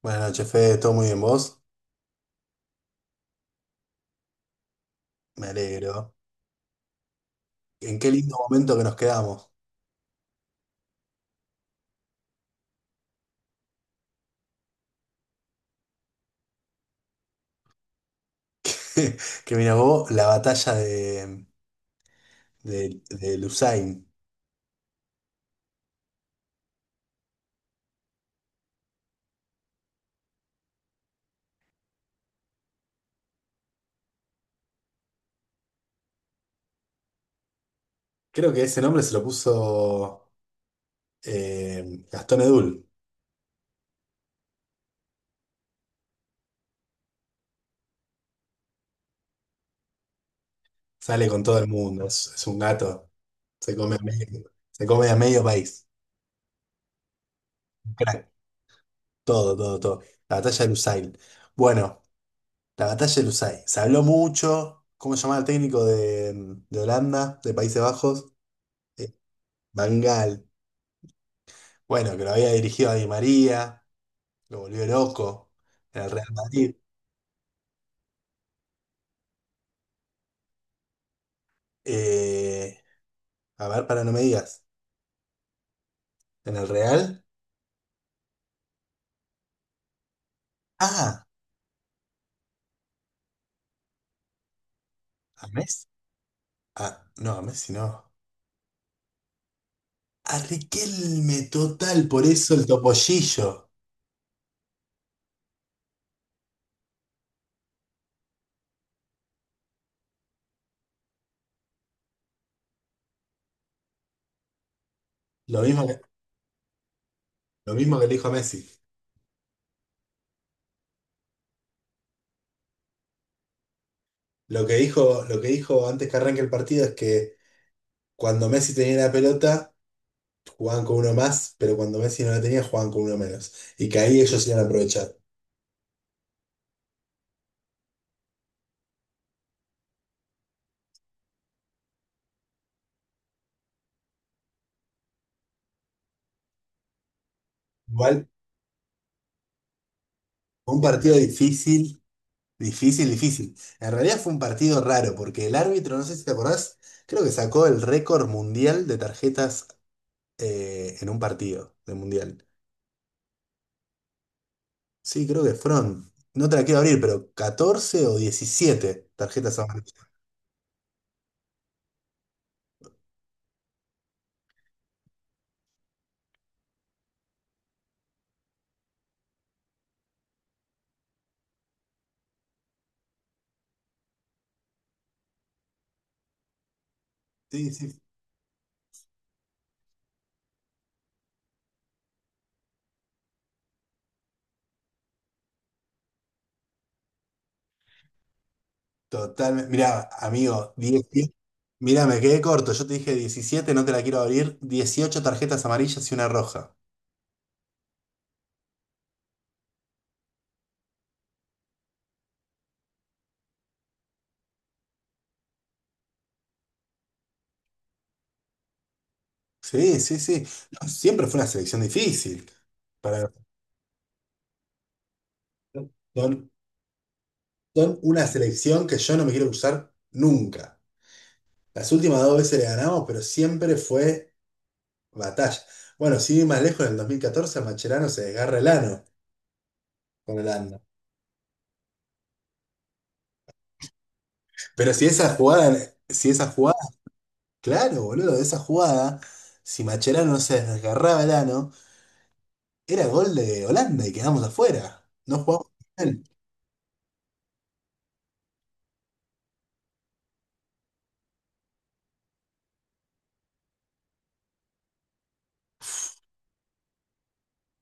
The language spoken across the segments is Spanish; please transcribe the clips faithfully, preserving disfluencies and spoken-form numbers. Buenas noches, Fede, ¿todo muy bien vos? Me alegro. En qué lindo momento que nos quedamos. Que mira vos, la batalla de, de, de Lusain. Creo que ese nombre se lo puso eh, Gastón Edul. Sale con todo el mundo, es, es un gato. Se come a medio, se come a medio país. Un crack. Todo, todo, todo. La batalla de Lusain. Bueno, la batalla de Lusain. Se habló mucho. ¿Cómo se llamaba el técnico de, de Holanda, de Países Bajos? Eh, Van Gaal. Bueno, que lo había dirigido a Di María, lo volvió loco en el Real Madrid. Eh, a ver, para no me digas. ¿En el Real? Ah, a Messi. Ah, no, a Messi no. A Riquelme, total, por eso el topollillo. Lo mismo que, lo mismo que le dijo a Messi. Lo que dijo, lo que dijo antes que arranque el partido es que cuando Messi tenía la pelota, jugaban con uno más, pero cuando Messi no la tenía, jugaban con uno menos. Y que ahí ellos iban a aprovechar. Igual, un partido difícil. Difícil, difícil. En realidad fue un partido raro porque el árbitro, no sé si te acordás, creo que sacó el récord mundial de tarjetas eh, en un partido de mundial. Sí, creo que fueron, no te la quiero abrir, pero catorce o diecisiete tarjetas amarillas. Sí, sí, totalmente. Mirá, amigo, diez, mirá, me quedé corto. Yo te dije diecisiete, no te la quiero abrir. Dieciocho tarjetas amarillas y una roja. Sí, sí, sí. No, siempre fue una selección difícil. Para... son una selección que yo no me quiero usar nunca. Las últimas dos veces le ganamos, pero siempre fue batalla. Bueno, si ir más lejos, en el dos mil catorce Macherano se desgarra el ano con Holanda. Pero si esa jugada, si esa jugada, claro, boludo, esa jugada, si Macherano no se desgarraba el ano, era gol de Holanda y quedamos afuera. No jugamos.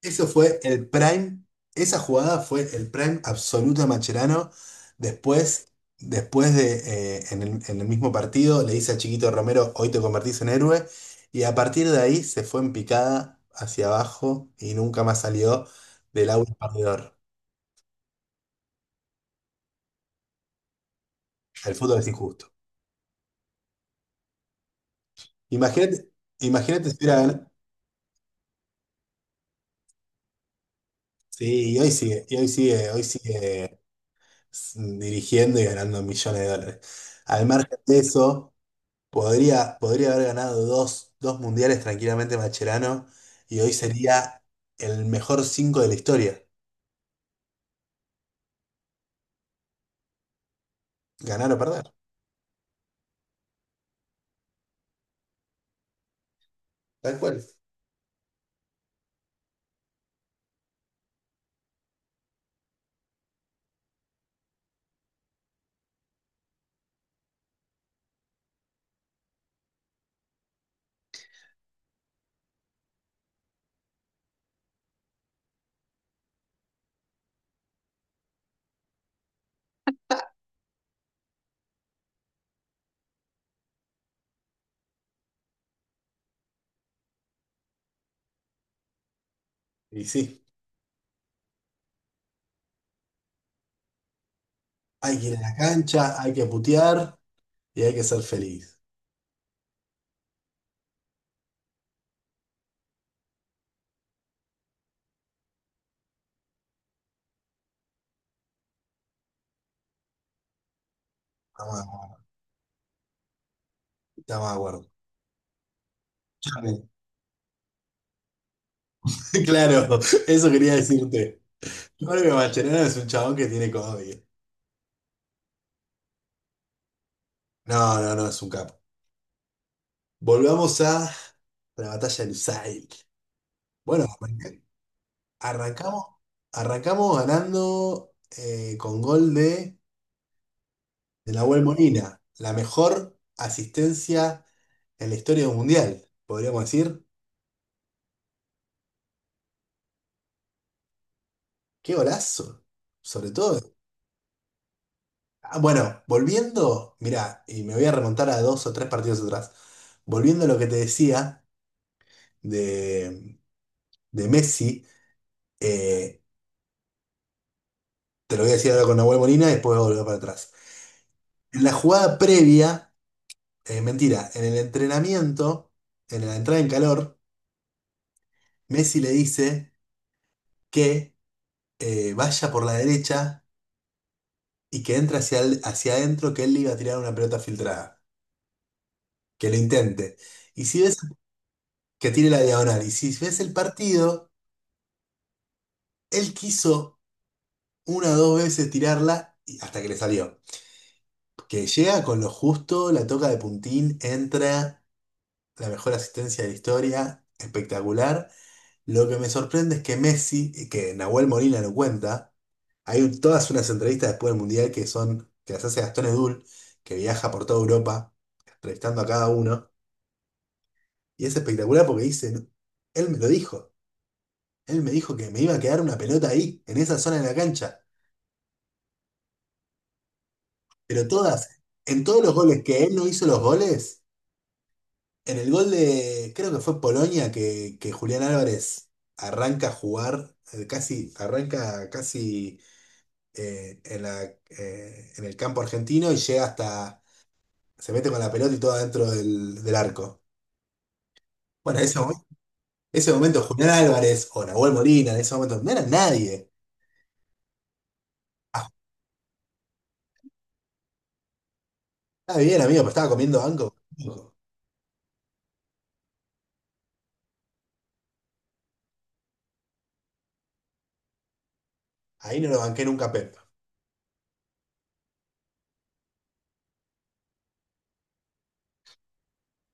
Eso fue el prime, esa jugada fue el prime absoluto de Mascherano. Después, después de, eh, en el, en el mismo partido, le dice a Chiquito Romero, hoy te convertís en héroe. Y a partir de ahí se fue en picada hacia abajo y nunca más salió del agua perdedor. El fútbol es injusto. Imagínate, imagínate si hubiera ganado. Sí, y hoy sigue, y hoy sigue, hoy sigue s- dirigiendo y ganando millones de dólares. Al margen de eso. Podría, podría haber ganado dos, dos mundiales tranquilamente Macherano y hoy sería el mejor cinco de la historia. Ganar o perder, tal cual. Y sí, hay que ir a la cancha, hay que putear y hay que ser feliz. Estamos, estamos de acuerdo. Escuchame. Claro, eso quería decirte. Yo creo que Mascherano es un chabón que tiene comedia. No, no, no, es un capo. Volvamos a la batalla del Lusail. Bueno, arranca- Arrancamos, arrancamos ganando eh, con gol de... de Nahuel Molina, la mejor asistencia en la historia del Mundial, podríamos decir. ¡Qué golazo! Sobre todo. Ah, bueno, volviendo, mira y me voy a remontar a dos o tres partidos atrás. Volviendo a lo que te decía de, de Messi, eh, te lo voy a decir ahora con Nahuel Molina y después voy a volver para atrás. En la jugada previa, eh, mentira, en el entrenamiento, en la entrada en calor, Messi le dice que eh, vaya por la derecha y que entre hacia, el- hacia adentro que él le iba a tirar una pelota filtrada. Que lo intente. Y si ves que tire la diagonal, y si ves el partido, él quiso una o dos veces tirarla y- hasta que le salió. Que llega con lo justo, la toca de puntín, entra, la mejor asistencia de la historia, espectacular. Lo que me sorprende es que Messi, y que Nahuel Molina lo cuenta, hay un- todas unas entrevistas después del Mundial que son, que las hace Gastón Edul, que viaja por toda Europa, entrevistando a cada uno. Y es espectacular porque dice, "No, él me lo dijo, él me dijo que me iba a quedar una pelota ahí, en esa zona de la cancha. Pero todas, en todos los goles que él no hizo los goles, en el gol de, creo que fue Polonia, que, que Julián Álvarez arranca a jugar, eh, casi, arranca casi eh, en la, eh, en el campo argentino y llega hasta, se mete con la pelota y todo adentro del, del arco. Bueno, ese, mo- ese momento, Julián Álvarez o Nahuel Molina, en ese momento, no era nadie. Está bien, amigo, pero estaba comiendo banco. Ahí no lo banqué nunca a Pep.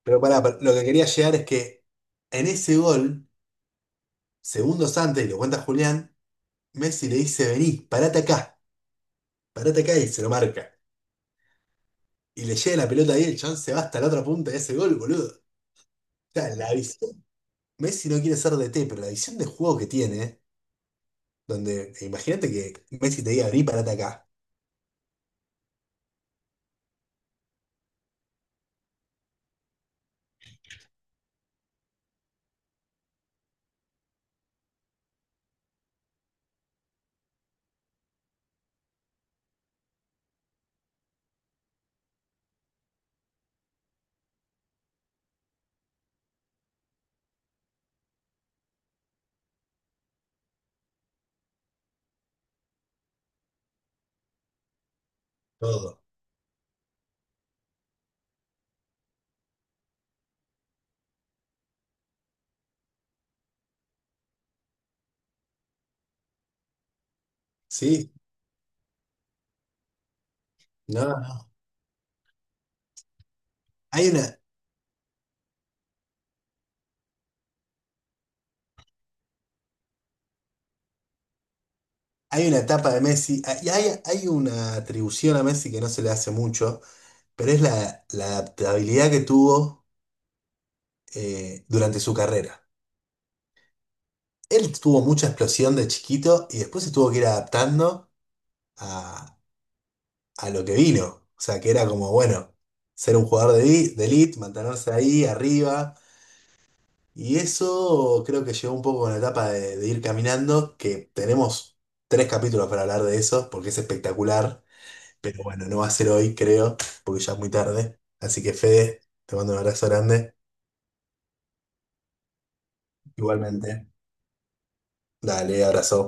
Pero pará, pero lo que quería llegar es que en ese gol, segundos antes, y lo cuenta Julián, Messi le dice, vení, parate acá, parate acá y se lo marca. Y le llega la pelota ahí, el chabón se va hasta la otra punta de ese gol, boludo. O sea, la visión. Messi no quiere ser D T, pero la visión de juego que tiene, donde imagínate que Messi te diga, vení, parate acá. Todo. ¿Sí? No, no. Hay una, hay una etapa de Messi, y hay, hay una atribución a Messi que no se le hace mucho pero es la, la adaptabilidad que tuvo eh, durante su carrera. Él tuvo mucha explosión de chiquito y después se tuvo que ir adaptando a, a lo que vino. O sea, que era como, bueno, ser un jugador de, vi- de elite, mantenerse ahí arriba. Y eso creo que llegó un poco con la etapa de, de ir caminando, que tenemos tres capítulos para hablar de eso, porque es espectacular. Pero bueno, no va a ser hoy, creo, porque ya es muy tarde. Así que Fede, te mando un abrazo grande. Igualmente. Dale, abrazo.